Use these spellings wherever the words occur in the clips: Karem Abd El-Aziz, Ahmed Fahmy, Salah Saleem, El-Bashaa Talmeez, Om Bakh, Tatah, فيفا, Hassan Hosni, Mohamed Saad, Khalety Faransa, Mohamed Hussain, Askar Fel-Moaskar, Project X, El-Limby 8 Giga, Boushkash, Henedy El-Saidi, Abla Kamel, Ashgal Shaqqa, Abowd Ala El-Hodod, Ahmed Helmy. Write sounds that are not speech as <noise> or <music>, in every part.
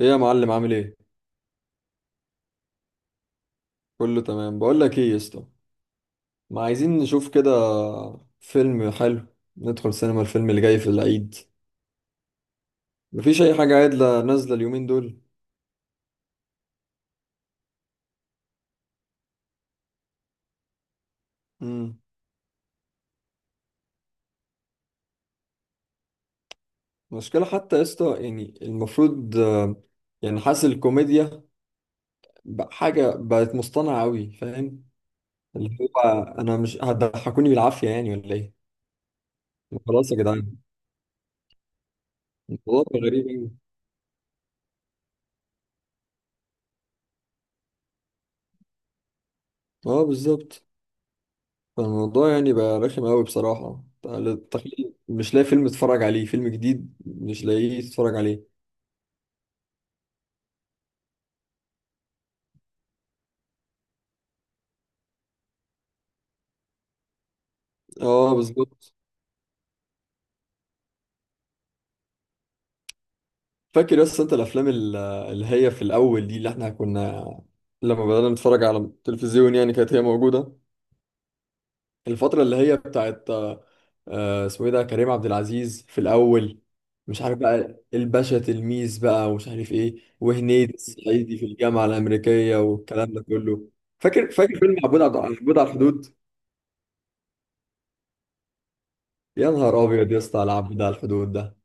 ايه يا معلم؟ عامل ايه؟ كله تمام. بقول لك ايه يا اسطى، ما عايزين نشوف كده فيلم حلو، ندخل سينما الفيلم اللي جاي في العيد. مفيش اي حاجه عادله نازله اليومين دول. امم مشكله حتى يا اسطى، يعني المفروض يعني حاسس الكوميديا بقى حاجه بقت مصطنعه قوي، فاهم؟ اللي هو انا مش هتضحكوني بالعافيه، يعني ولا ايه؟ خلاص يا جدعان، الموضوع بقى غريب أوي. اه بالظبط. فالموضوع يعني بقى رخم قوي بصراحة. تخيل مش لاقي فيلم تتفرج عليه، فيلم جديد مش لاقيه تتفرج عليه. اه بالظبط. فاكر؟ بس انت الافلام اللي هي في الاول دي، اللي احنا كنا لما بدأنا نتفرج على التلفزيون، يعني كانت هي موجودة. الفترة اللي هي بتاعت اسمه ايه ده، كريم عبد العزيز في الاول، مش عارف، بقى الباشا تلميذ بقى، ومش عارف ايه، وهنيدي الصعيدي في الجامعة الأمريكية والكلام ده كله. فاكر فيلم عبود على الحدود؟ يا نهار ابيض يا اسطى على العب ده، على الحدود ده.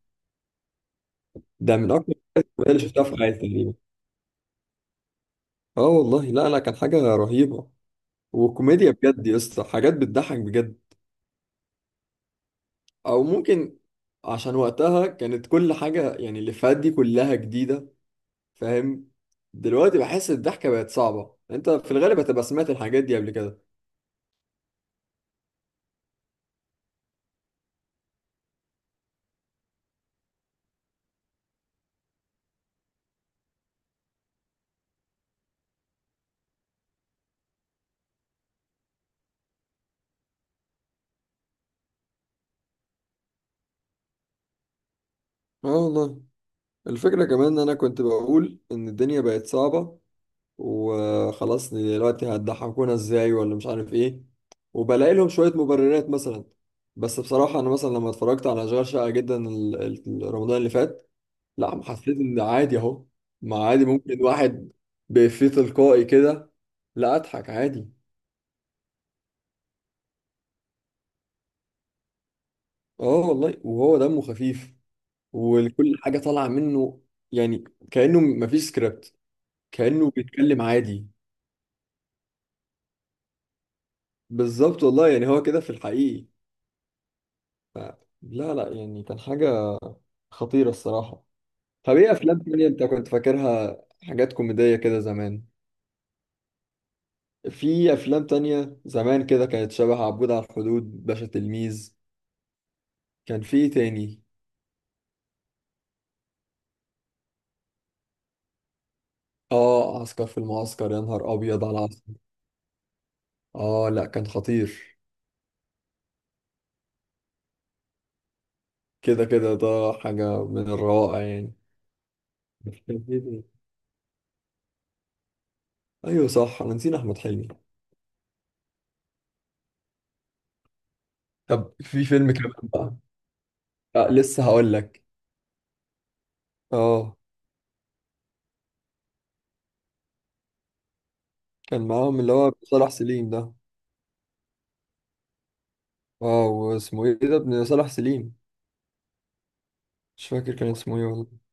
ده من اكتر الحاجات اللي شفتها في حياتي تقريبا. اه والله، لا لا، كان حاجه رهيبه، وكوميديا بجد يا اسطى، حاجات بتضحك بجد. او ممكن، عشان وقتها كانت كل حاجه، يعني الافيهات دي كلها جديده، فاهم؟ دلوقتي بحس الضحكه بقت صعبه، انت في الغالب هتبقى سمعت الحاجات دي قبل كده. اه والله. الفكره كمان ان انا كنت بقول ان الدنيا بقت صعبه وخلاص، دلوقتي هتضحكونا ازاي؟ ولا مش عارف ايه، وبلاقي لهم شوية مبررات مثلا. بس بصراحة انا مثلا لما اتفرجت على اشغال شقة جدا رمضان اللي فات، لا، حسيت ان عادي اهو. ما عادي، ممكن واحد بإفيه تلقائي كده، لا، اضحك عادي. اه والله، وهو دمه خفيف، وكل حاجة طالعة منه يعني، كأنه مفيش سكريبت، كأنه بيتكلم عادي. بالظبط والله، يعني هو كده في الحقيقي. لا لا، يعني كان حاجة خطيرة الصراحة. طب ايه افلام تانية انت كنت فاكرها حاجات كوميدية كده زمان؟ في افلام تانية زمان كده كانت شبه عبود على الحدود، باشا تلميذ؟ كان في ايه تاني؟ اه، عسكر في المعسكر، يا نهار ابيض على عسكر. اه لا، كان خطير. كده كده ده حاجة من الروائع يعني. بس كان في إيه تاني؟ ايوه صح، انا نسينا احمد حلمي. طب في فيلم كمان بقى. آه لسه هقول لك. اه، كان معاهم اللي هو صلاح سليم ده. اه، واسمه ايه ده، ابن صلاح سليم؟ مش فاكر كان اسمه ايه والله.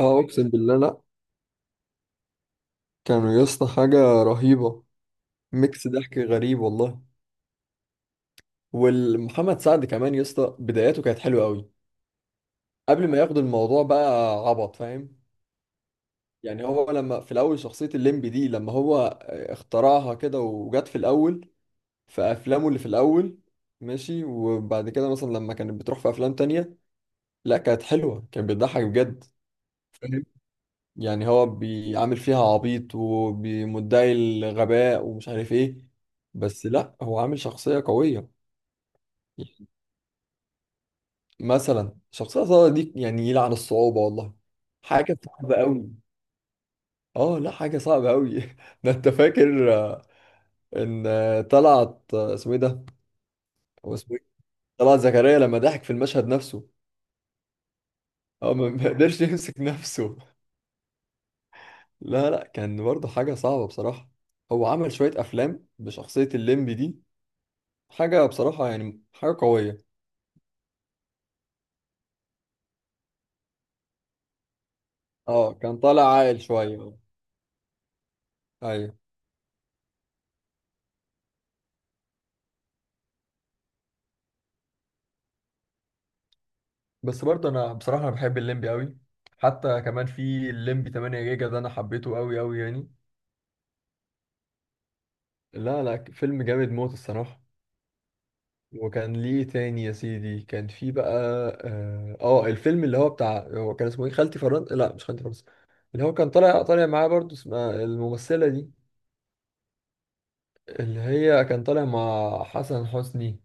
اه، اقسم بالله، لا، كانوا يا اسطى حاجه رهيبه. ميكس ضحك غريب والله. والمحمد سعد كمان يا اسطى، بداياته كانت حلوه قوي قبل ما ياخد الموضوع بقى عبط، فاهم؟ يعني هو لما في الاول شخصيه الليمبي دي لما هو اخترعها كده وجت في الاول، في افلامه اللي في الاول، ماشي. وبعد كده مثلا لما كانت بتروح في افلام تانية، لا كانت حلوه، كانت بتضحك بجد. يعني هو بيعامل فيها عبيط ومدعي الغباء ومش عارف ايه، بس لا، هو عامل شخصية قوية. مثلا شخصية صعبة دي، يعني يلعن الصعوبة والله، حاجة صعبة قوي. اه لا، حاجة صعبة قوي. <laughs> ده انت فاكر ان طلعت اسمه ايه ده؟ هو اسمه ايه، طلعت زكريا، لما ضحك في المشهد نفسه. اه ما ما قدرش <laughs> يمسك نفسه. لا لا، كان برضه حاجة صعبة بصراحة. هو عمل شوية افلام بشخصية الليمبي دي، حاجة بصراحة يعني، حاجة قوية. اه، كان طالع عاقل شوية. ايوه، بس برضه انا بصراحة، انا بحب الليمبي قوي. حتى كمان في الليمبي 8 جيجا ده، انا حبيته قوي قوي يعني. لا لا، فيلم جامد موت الصراحة. وكان ليه تاني يا سيدي، كان في بقى، اه الفيلم اللي هو بتاع، هو كان اسمه ايه، خالتي فرنسا، لا مش خالتي فرنسا. اللي هو كان طالع معاه برضه، اسمها الممثلة دي، اللي هي كان طالع مع حسن حسني.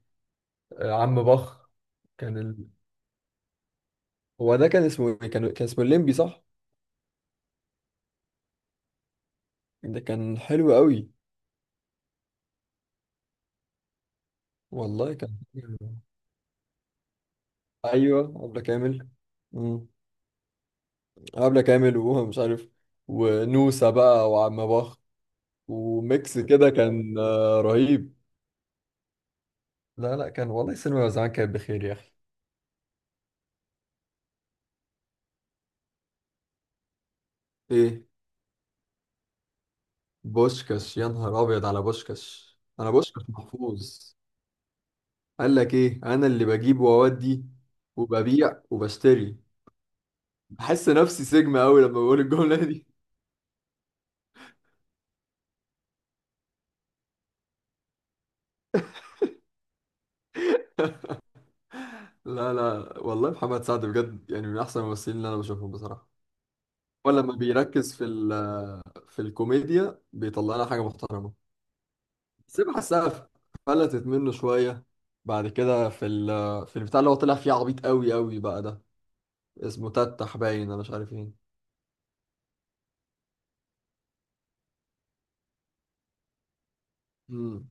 عم بخ. كان هو ده، كان اسمه ايه، كان اسمه الليمبي صح؟ ده كان حلو قوي. والله كان حلو. ايوه عبلة كامل. امم عبلة كامل وهو مش عارف، ونوسة بقى وعم بخ، وميكس كده كان رهيب. لا لا، كان والله السينما زمان كانت بخير يا اخي. ايه؟ بوشكاش. يا نهار ابيض على بوشكاش، انا بوشكاش محفوظ. قال لك ايه، انا اللي بجيب واودي وببيع وبشتري. بحس نفسي سجن قوي لما بقول الجمله دي. لا لا والله، محمد سعد بجد يعني من احسن الممثلين اللي انا بشوفهم بصراحه. ولما بيركز في ال، في الكوميديا، بيطلع لنا حاجه محترمه. بس أنا بحسها فلتت منه شويه بعد كده في ال، في البتاع اللي هو طلع فيه عبيط قوي قوي بقى ده، اسمه تتح، باين انا مش عارف ايه. امم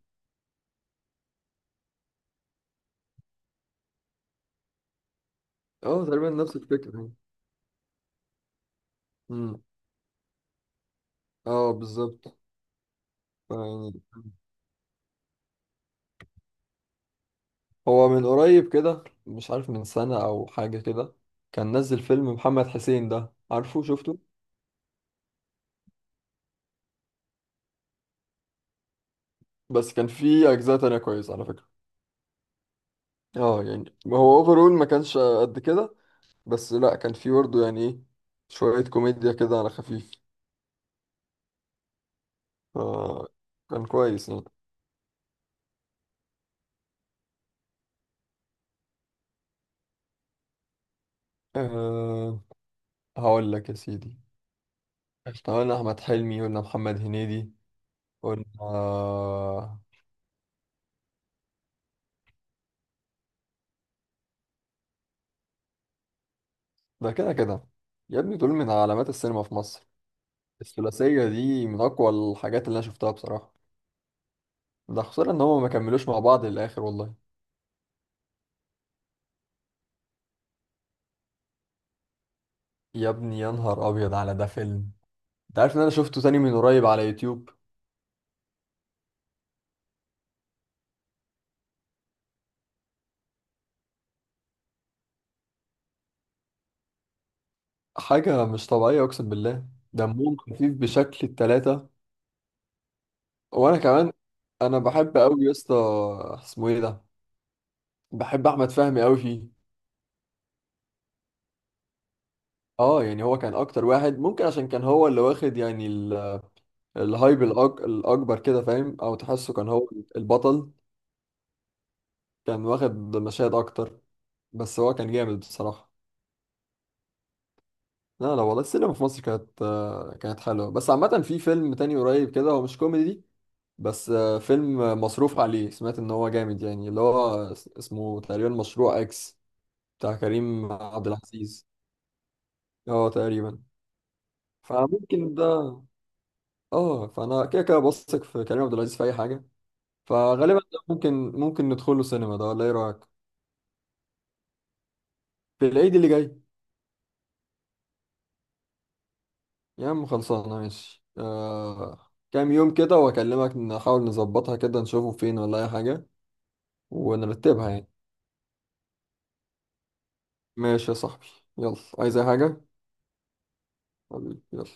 اه تقريبا نفس الفكره يعني. امم اه بالظبط. يعني هو من قريب كده، مش عارف من سنه او حاجه كده، كان نزل فيلم محمد حسين ده، عارفه؟ شفته؟ بس كان في اجزاء تانية كويسة على فكرة. اه يعني هو اوفرول ما كانش قد كده، بس لا، كان في برضه يعني ايه، شوية كوميديا كده على خفيف، ف كان كويس يعني. أه هقول لك يا سيدي. احنا قلنا احمد حلمي، قلنا محمد هنيدي، قلنا، ده كده كده يا ابني، دول من علامات السينما في مصر. الثلاثية دي من أقوى الحاجات اللي أنا شفتها بصراحة. ده خسارة إن هما ما كملوش مع بعض للآخر والله. يا ابني يا نهار أبيض على ده، فيلم! انت عارف ان انا شفته تاني من قريب على يوتيوب؟ حاجة مش طبيعية، اقسم بالله. دمهم خفيف بشكل، التلاتة. وانا كمان انا بحب قوي يا اسطى، اسمه ايه ده، بحب احمد فهمي قوي فيه. اه يعني هو كان اكتر واحد ممكن، عشان كان هو اللي واخد يعني الهايب الاكبر كده، فاهم؟ او تحسه كان هو البطل، كان واخد مشاهد اكتر، بس هو كان جامد بصراحة. لا لا والله، السينما في مصر كانت كانت حلوة. بس عامة، في فيلم تاني قريب كده، هو مش كوميدي بس، فيلم مصروف عليه، سمعت ان هو جامد يعني، اللي هو اسمه تقريبا مشروع اكس، بتاع كريم عبد العزيز. اه تقريبا. فممكن ده، اه، فانا كده كده بثق في كريم عبد العزيز في اي حاجه، فغالبا ده ممكن ندخله سينما ده، ولا ايه رايك؟ في العيد اللي جاي. يا عم خلصانه، ماشي، آه كام يوم كده واكلمك، نحاول نظبطها كده، نشوفه فين ولا اي حاجه، ونرتبها يعني. ماشي يا صاحبي، يلا. عايز اي حاجه؟ حبيبي، يلا.